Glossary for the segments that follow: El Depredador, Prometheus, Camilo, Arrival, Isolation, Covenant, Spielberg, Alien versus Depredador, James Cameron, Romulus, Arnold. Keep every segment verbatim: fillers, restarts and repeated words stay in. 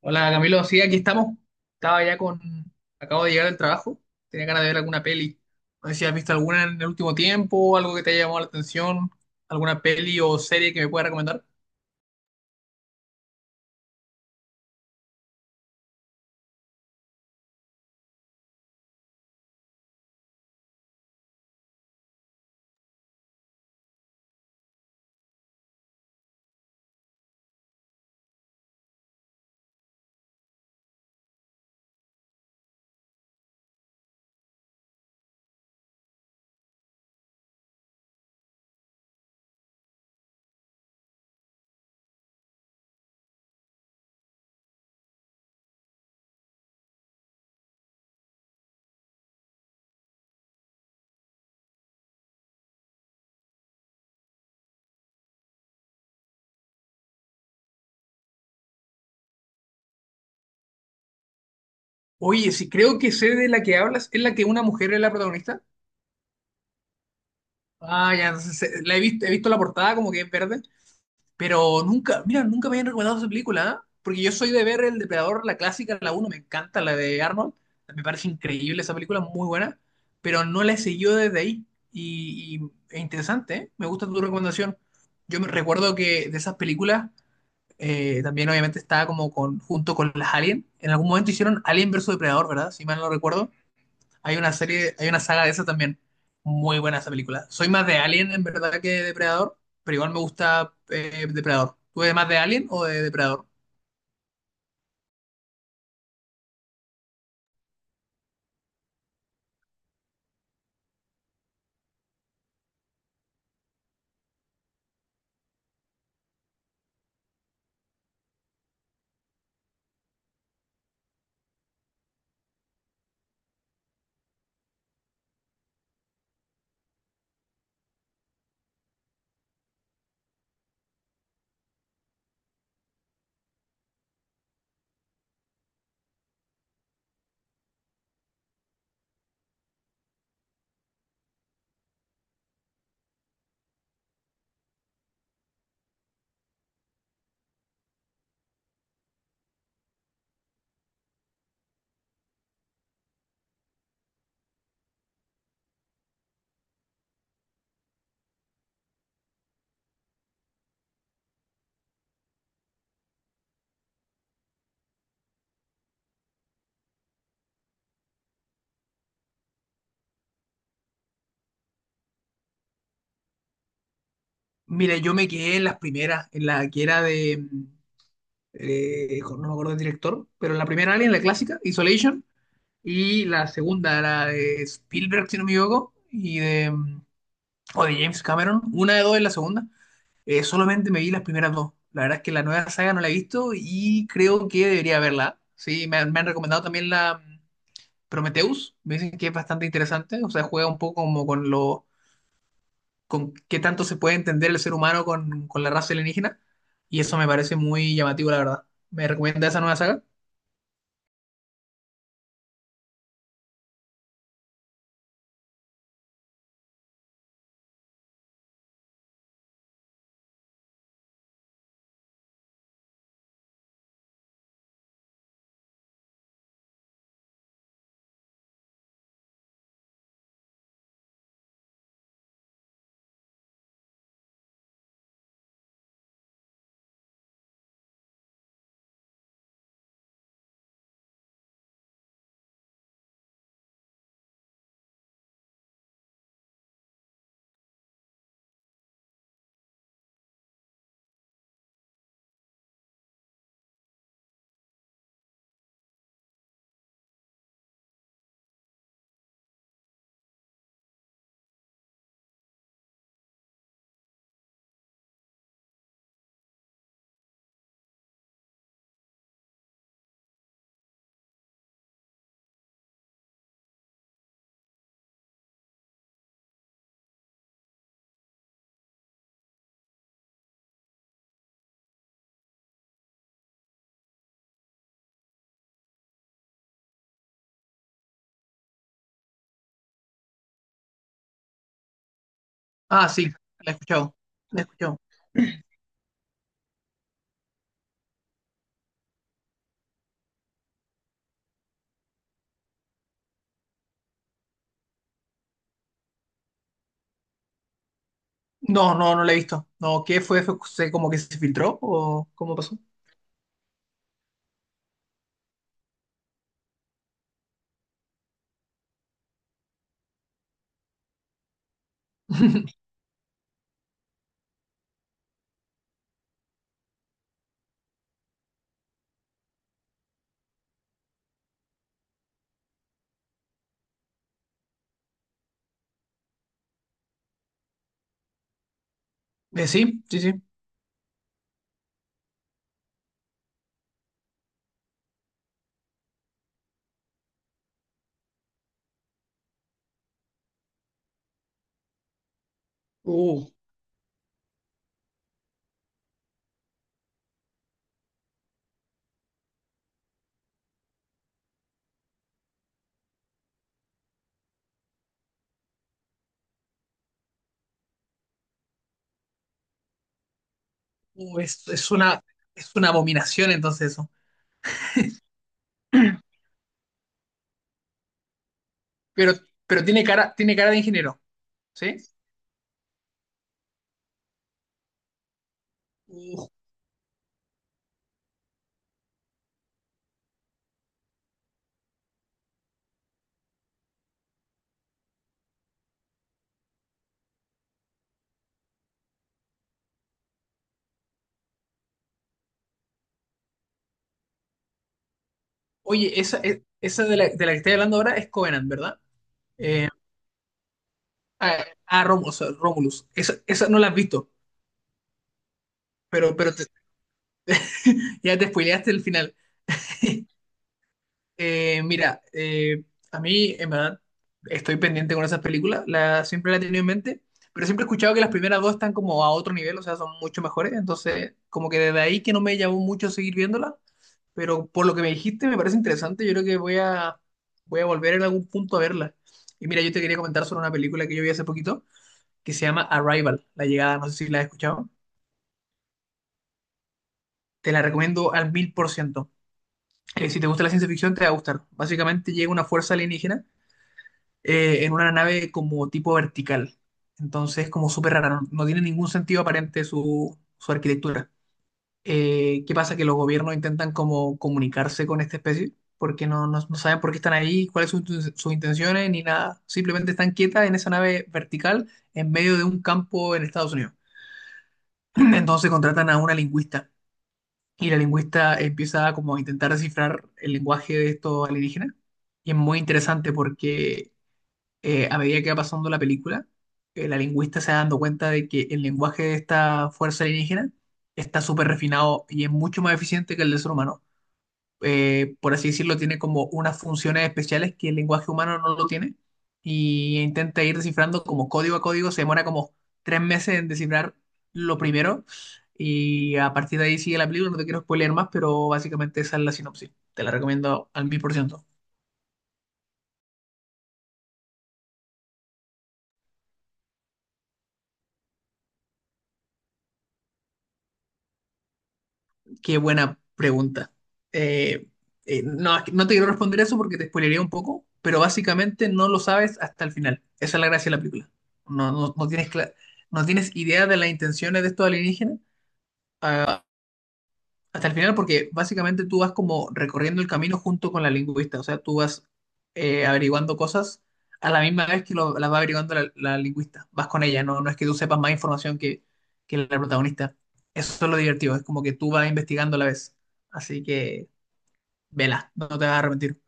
Hola Camilo, sí, aquí estamos. Estaba ya con... Acabo de llegar del trabajo. Tenía ganas de ver alguna peli. No sé si has visto alguna en el último tiempo, algo que te haya llamado la atención, alguna peli o serie que me pueda recomendar. Oye, sí, creo que sé de la que hablas. ¿Es la que una mujer es la protagonista? Ah, ya, entonces, eh, la he visto, he visto la portada como que es verde. Pero nunca, mira, nunca me habían recomendado esa película, ¿ah? Porque yo soy de ver El Depredador, la clásica, la uno me encanta, la de Arnold. Me parece increíble esa película, muy buena. Pero no la he seguido desde ahí. Y, y- e interesante, ¿eh? Me gusta tu recomendación. Yo me recuerdo que de esas películas eh, también obviamente estaba como con, junto con las Alien. En algún momento hicieron Alien versus Depredador, ¿verdad? Si mal no recuerdo. Hay una serie, hay una saga de esa también. Muy buena esa película. Soy más de Alien en verdad que de Depredador, pero igual me gusta eh, Depredador. ¿Tú eres más de Alien o de Depredador? Mire, yo me quedé en las primeras, en la que era de, mm, eh, no me acuerdo del director, pero en la primera Alien, la clásica, Isolation, y la segunda, la de Spielberg, si no me equivoco, y de, mm, o de James Cameron, una de dos es la segunda. Eh, solamente me vi las primeras dos. La verdad es que la nueva saga no la he visto y creo que debería verla. Sí, me han, me han recomendado también la mm, Prometheus. Me dicen que es bastante interesante. O sea, juega un poco como con lo, con qué tanto se puede entender el ser humano con, con la raza alienígena. Y eso me parece muy llamativo, la verdad. ¿Me recomienda esa nueva saga? Ah, sí, la he escuchado. La he escuchado. No, no, no la he visto. No, ¿qué fue? ¿Fue fue como que se filtró o cómo pasó? Eh, sí, sí, sí. Uh, uh, es, es una, es una abominación entonces eso. Pero, pero tiene cara, tiene cara de ingeniero, ¿sí? Uh, oye, esa, e- esa de la, de la que estoy hablando ahora es Covenant, ¿verdad? Eh, ah, ah, Romulus, Romulus. Esa, esa no la has visto, pero, pero te- ya te spoileaste el final. Eh, mira, eh, a mí, en verdad, estoy pendiente con esas películas, la, siempre la he tenido en mente, pero siempre he escuchado que las primeras dos están como a otro nivel, o sea, son mucho mejores, entonces como que desde ahí que no me llamó mucho seguir viéndola, pero por lo que me dijiste me parece interesante, yo creo que voy a, voy a volver en algún punto a verla. Y mira, yo te quería comentar sobre una película que yo vi hace poquito, que se llama Arrival, La Llegada, no sé si la has escuchado, te la recomiendo al mil por ciento. Eh, si te gusta la ciencia ficción, te va a gustar. Básicamente llega una fuerza alienígena eh, en una nave como tipo vertical. Entonces, como súper rara, no, no tiene ningún sentido aparente su, su arquitectura. Eh, ¿qué pasa? Que los gobiernos intentan como comunicarse con esta especie, porque no, no- no saben por qué están ahí, cuáles son sus sus intenciones, ni nada. Simplemente están quietas en esa nave vertical en medio de un campo en Estados Unidos. Entonces contratan a una lingüista. Y la lingüista empieza como a intentar descifrar el lenguaje de estos alienígenas. Y es muy interesante porque eh, a medida que va pasando la película, eh, la lingüista se va dando cuenta de que el lenguaje de esta fuerza alienígena está súper refinado y es mucho más eficiente que el del ser humano. Eh, por así decirlo, tiene como unas funciones especiales que el lenguaje humano no lo tiene y intenta ir descifrando como código a código. Se demora como tres meses en descifrar lo primero y a partir de ahí sigue la película. No te quiero spoiler más, pero básicamente esa es la sinopsis. Te la recomiendo al mil por ciento. Qué buena pregunta. Eh, eh, no, no te quiero responder eso porque te spoilería un poco, pero básicamente no lo sabes hasta el final. Esa es la gracia de la película. No, no, no tienes, cla- no tienes idea de las intenciones de estos alienígenas. Ah, hasta el final, porque básicamente tú vas como recorriendo el camino junto con la lingüista, o sea, tú vas eh, averiguando cosas a la misma vez que lo, las va averiguando la, la lingüista, vas con ella, no, no es que tú sepas más información que, que la protagonista. Eso es lo divertido, es como que tú vas investigando a la vez. Así que, vela, no te vas a arrepentir.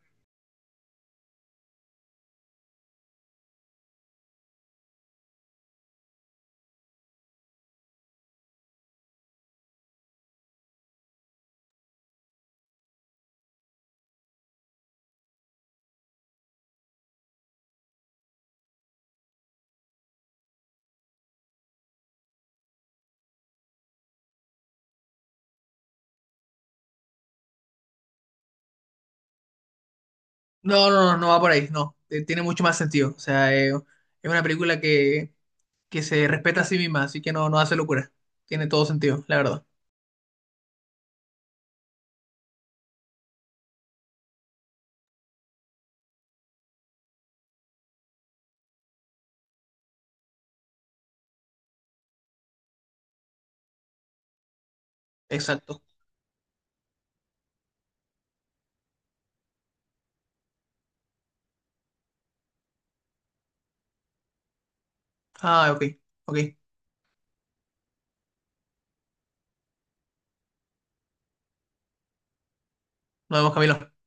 No, no, no, no va por ahí, no. Eh, tiene mucho más sentido, o sea, eh, es una película que que se respeta a sí misma, así que no, no hace locura. Tiene todo sentido, la verdad. Exacto. Ah, ok, ok. Nos vemos, Camilo.